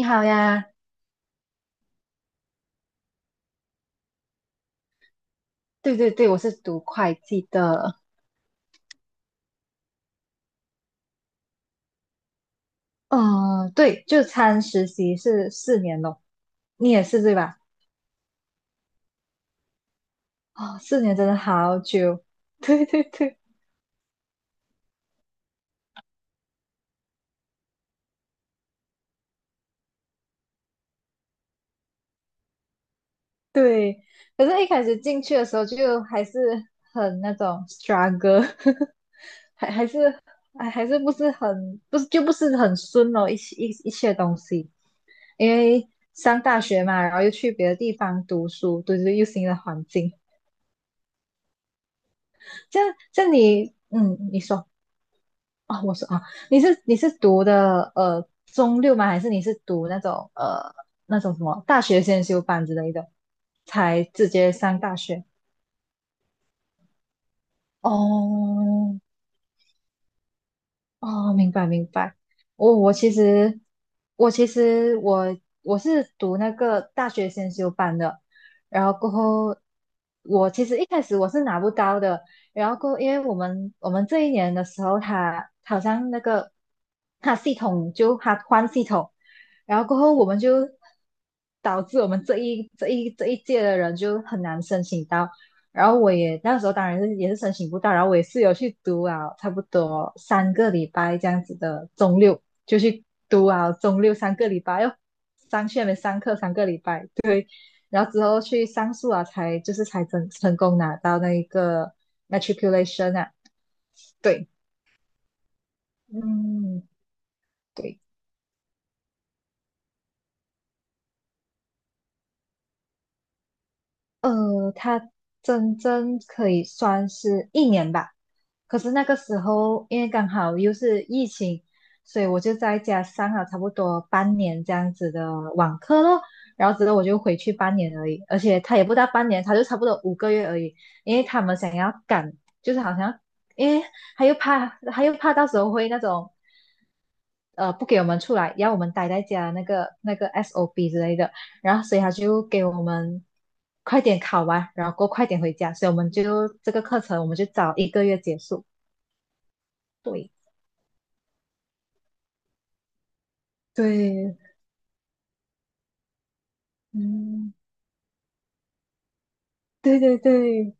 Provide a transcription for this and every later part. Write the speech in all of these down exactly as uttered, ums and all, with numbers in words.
你好呀，对对对，我是读会计的。嗯，对，就参实习是四年咯，你也是对吧？哦，四年真的好久，对对对对。可是一开始进去的时候就还是很那种 struggle，还还是还还是不是很不是就不是很顺哦，一一一切东西，因为上大学嘛，然后又去别的地方读书，对对，又新的环境，这样这样你，嗯，你说。啊，我说啊，你是你是读的呃中六吗？还是你是读那种呃那种什么大学先修班之类的，才直接上大学？哦。哦，明白明白。我我其实我其实我我是读那个大学先修班的，然后过后我其实一开始我是拿不到的，然后过后因为我们我们这一年的时候他，他好像那个他系统就他换系统，然后过后我们就导致我们这一这一这一届的人就很难申请到，然后我也那时候当然是也是申请不到，然后我也是有去读啊，差不多三个礼拜这样子的中六就去读啊，中六三个礼拜哟，上去那边上课三个礼拜。对，然后之后去上诉啊，才就是才成成功拿到那一个 matriculation 啊。对。嗯，对。呃，他真正可以算是一年吧。可是那个时候，因为刚好又是疫情，所以我就在家上了差不多半年这样子的网课咯。然后之后我就回去半年而已，而且他也不到半年，他就差不多五个月而已。因为他们想要赶，就是好像，因为他又怕，他又怕到时候会那种。呃不给我们出来，要我们待在家那个那个 s o B 之类的，然后所以他就给我们快点考完，然后过后快点回家，所以我们就这个课程我们就早一个月结束。对对。嗯，对对对，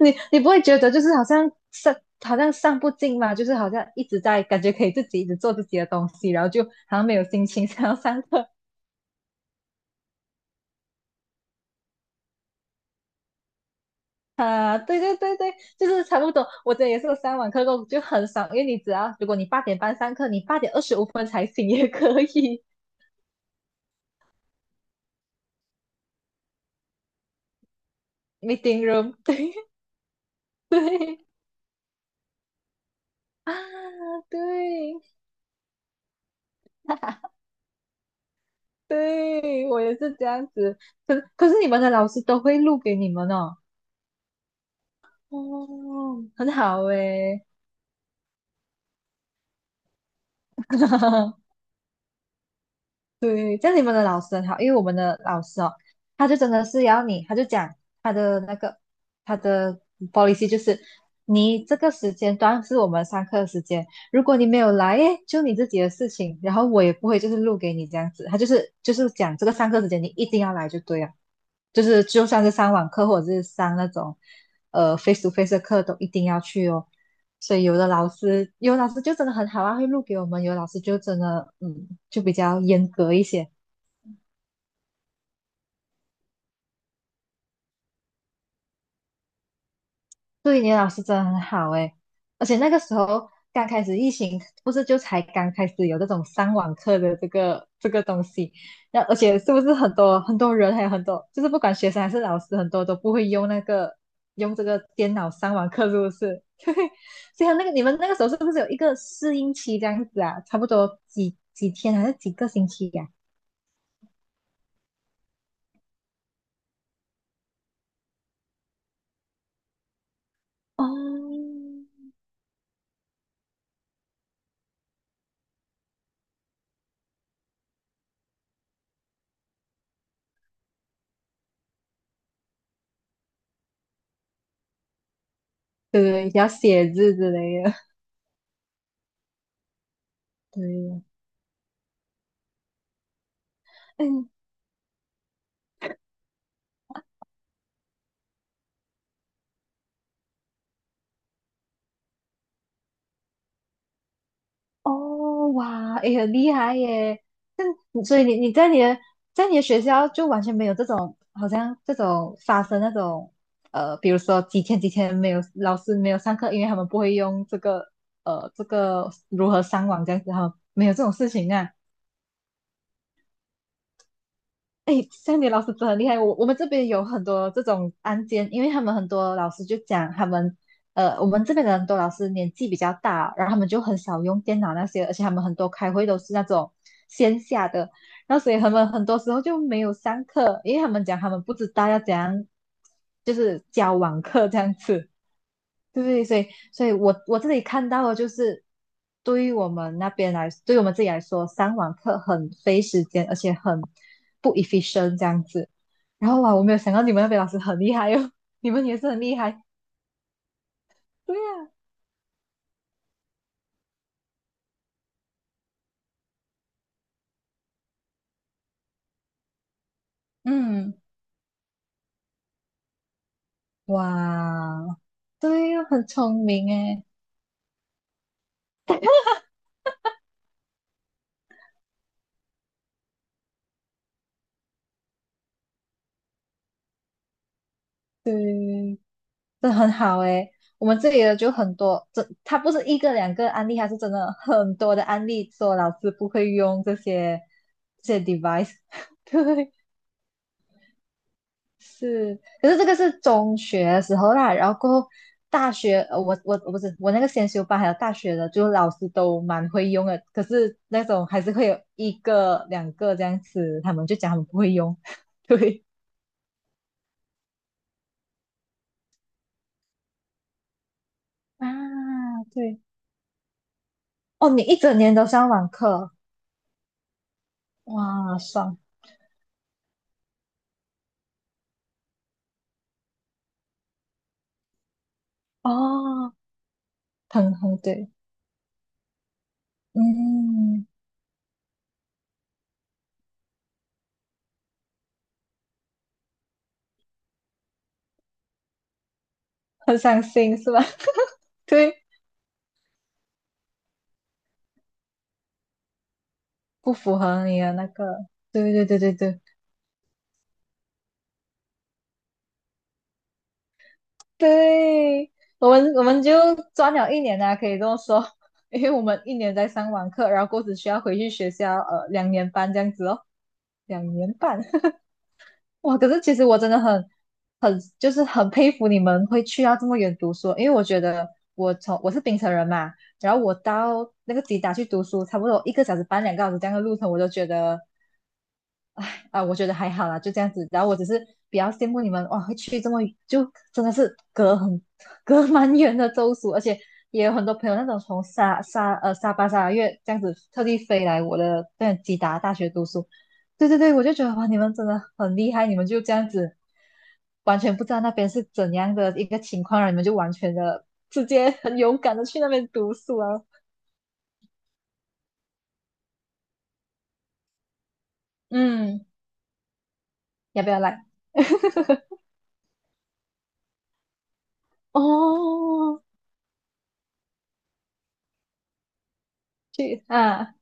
你你不会觉得就是好像上好像上不进嘛，就是好像一直在感觉可以自己一直做自己的东西，然后就好像没有心情想要上课。啊，对对对对，就是差不多。我这也是有上网课过，就很爽，因为你只要如果你八点半上课，你八点二十五分才醒也可以。Meeting room，对对。啊，对对，我也是这样子。可可是你们的老师都会录给你们哦？哦，很好诶。对，这样你们的老师很好，因为我们的老师哦，他就真的是要你，他就讲他的那个他的 policy 就是，你这个时间段是我们上课的时间，如果你没有来，诶，就你自己的事情，然后我也不会就是录给你这样子，他就是就是讲这个上课时间你一定要来就对了。就是就算是上网课或者是上那种呃 face to face 的课，都一定要去哦。所以有的老师，有的老师就真的很好啊，会录给我们；有的老师就真的，嗯，就比较严格一些。对，你的老师真的很好诶，而且那个时候刚开始疫情，不是就才刚开始有这种上网课的这个这个东西，那而且是不是很多很多人还有很多，就是不管学生还是老师，很多都不会用那个用这个电脑上网课，是不是？对，所以他那个你们那个时候是不是有一个适应期这样子啊？差不多几几天还是几个星期呀、哦，对对，要写字之类的，对。哎哦，哇，哎，很厉害耶！但所以你你在你的在你的学校就完全没有这种，好像这种发生那种，呃，比如说几天几天没有老师没有上课，因为他们不会用这个，呃，这个如何上网这样子，哈，没有这种事情啊。哎 s a 老师真的很厉害。我我们这边有很多这种案件，因为他们很多老师就讲他们，呃，我们这边的很多老师年纪比较大，然后他们就很少用电脑那些，而且他们很多开会都是那种线下的，然后所以他们很多时候就没有上课，因为他们讲他们不知道要怎样，就是教网课这样子。对，所以，所以我我这里看到的就是，对于我们那边来，对于我们自己来说，上网课很费时间，而且很不 efficient 这样子。然后哇，我没有想到你们那边老师很厉害哦，你们也是很厉害。对呀、嗯，哇，对呀、很聪明诶，对，这很好诶。我们这里的就很多，这它不是一个两个案例，它是真的很多的案例，说老师不会用这些这些 device。对，是。可是这个是中学的时候啦，然后过后大学，呃，我我我不是我那个先修班还有大学的，就老师都蛮会用的，可是那种还是会有一个两个这样子，他们就讲他们不会用，对啊。对，哦，你一整年都上网课，哇，爽。哦，很很对，嗯，很伤心是吧？对，不符合你的那个，对对对对对。对，我们我们就赚了一年啊，可以这么说，因为我们一年在上网课，然后过后只需要回去学校，呃，两年半这样子哦，两年半。哇！可是其实我真的很，就是很佩服你们会去到这么远读书，因为我觉得我从我是槟城人嘛，然后我到那个吉达去读书，差不多一个小时半两个小时这样的路程，我都觉得啊、呃我觉得还好啦，就这样子。然后我只是比较羡慕你们哇，会去这么就真的是隔很隔蛮远的州属，而且也有很多朋友那种从沙沙呃沙巴沙拉越这样子特地飞来我的那吉达大学读书。对对对，我就觉得哇，你们真的很厉害，你们就这样子完全不知道那边是怎样的一个情况，然后你们就完全的直接很勇敢的去那边读书啊。嗯，要不要来？哦，去啊！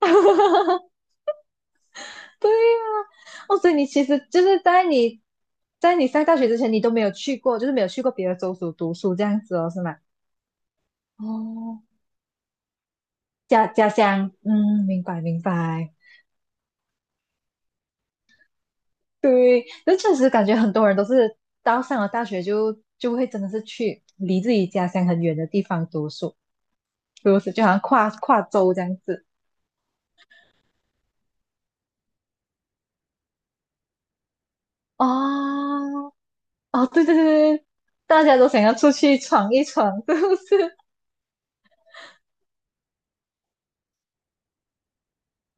对呀、哦，所以你其实就是在你，在你上大学之前，你都没有去过，就是没有去过别的州属读书这样子哦，是吗？哦，家家乡，嗯，明白明白。对，那确实感觉很多人都是到上了大学就就会真的是去离自己家乡很远的地方读书，读书就好像跨跨州这样子。哦，哦，对对对对，大家都想要出去闯一闯，是不是？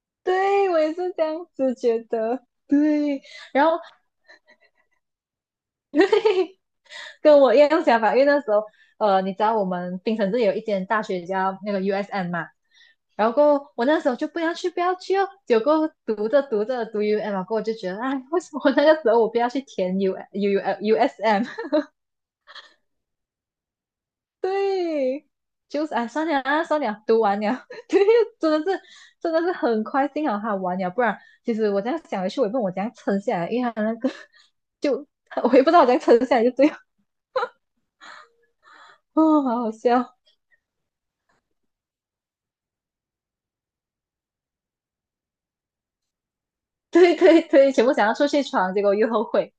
对，我也是这样子觉得。对，然后嘿，嘿，跟我一样想法，因为那时候，呃，你知道我们槟城这里有一间大学叫那个 U S M 嘛，然后过后我那时候就不要去，不要去哦，结果读着读着读 UM 啊，过后我就觉得，哎，为什么那个时候我不要去填 U U U S M？对，就是啊，算了啊，算了，读完了，对。真的是，真的是很快幸好他完了，不然其实我这样想回去，我也不懂我怎样撑下来，因为他那个 就我也不知道我怎样撑下来，就这样，哦，好好笑。对对对，全部想要出去闯，结果又后悔，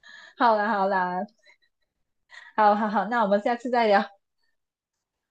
好啦好啦，好好好，那我们下次再聊。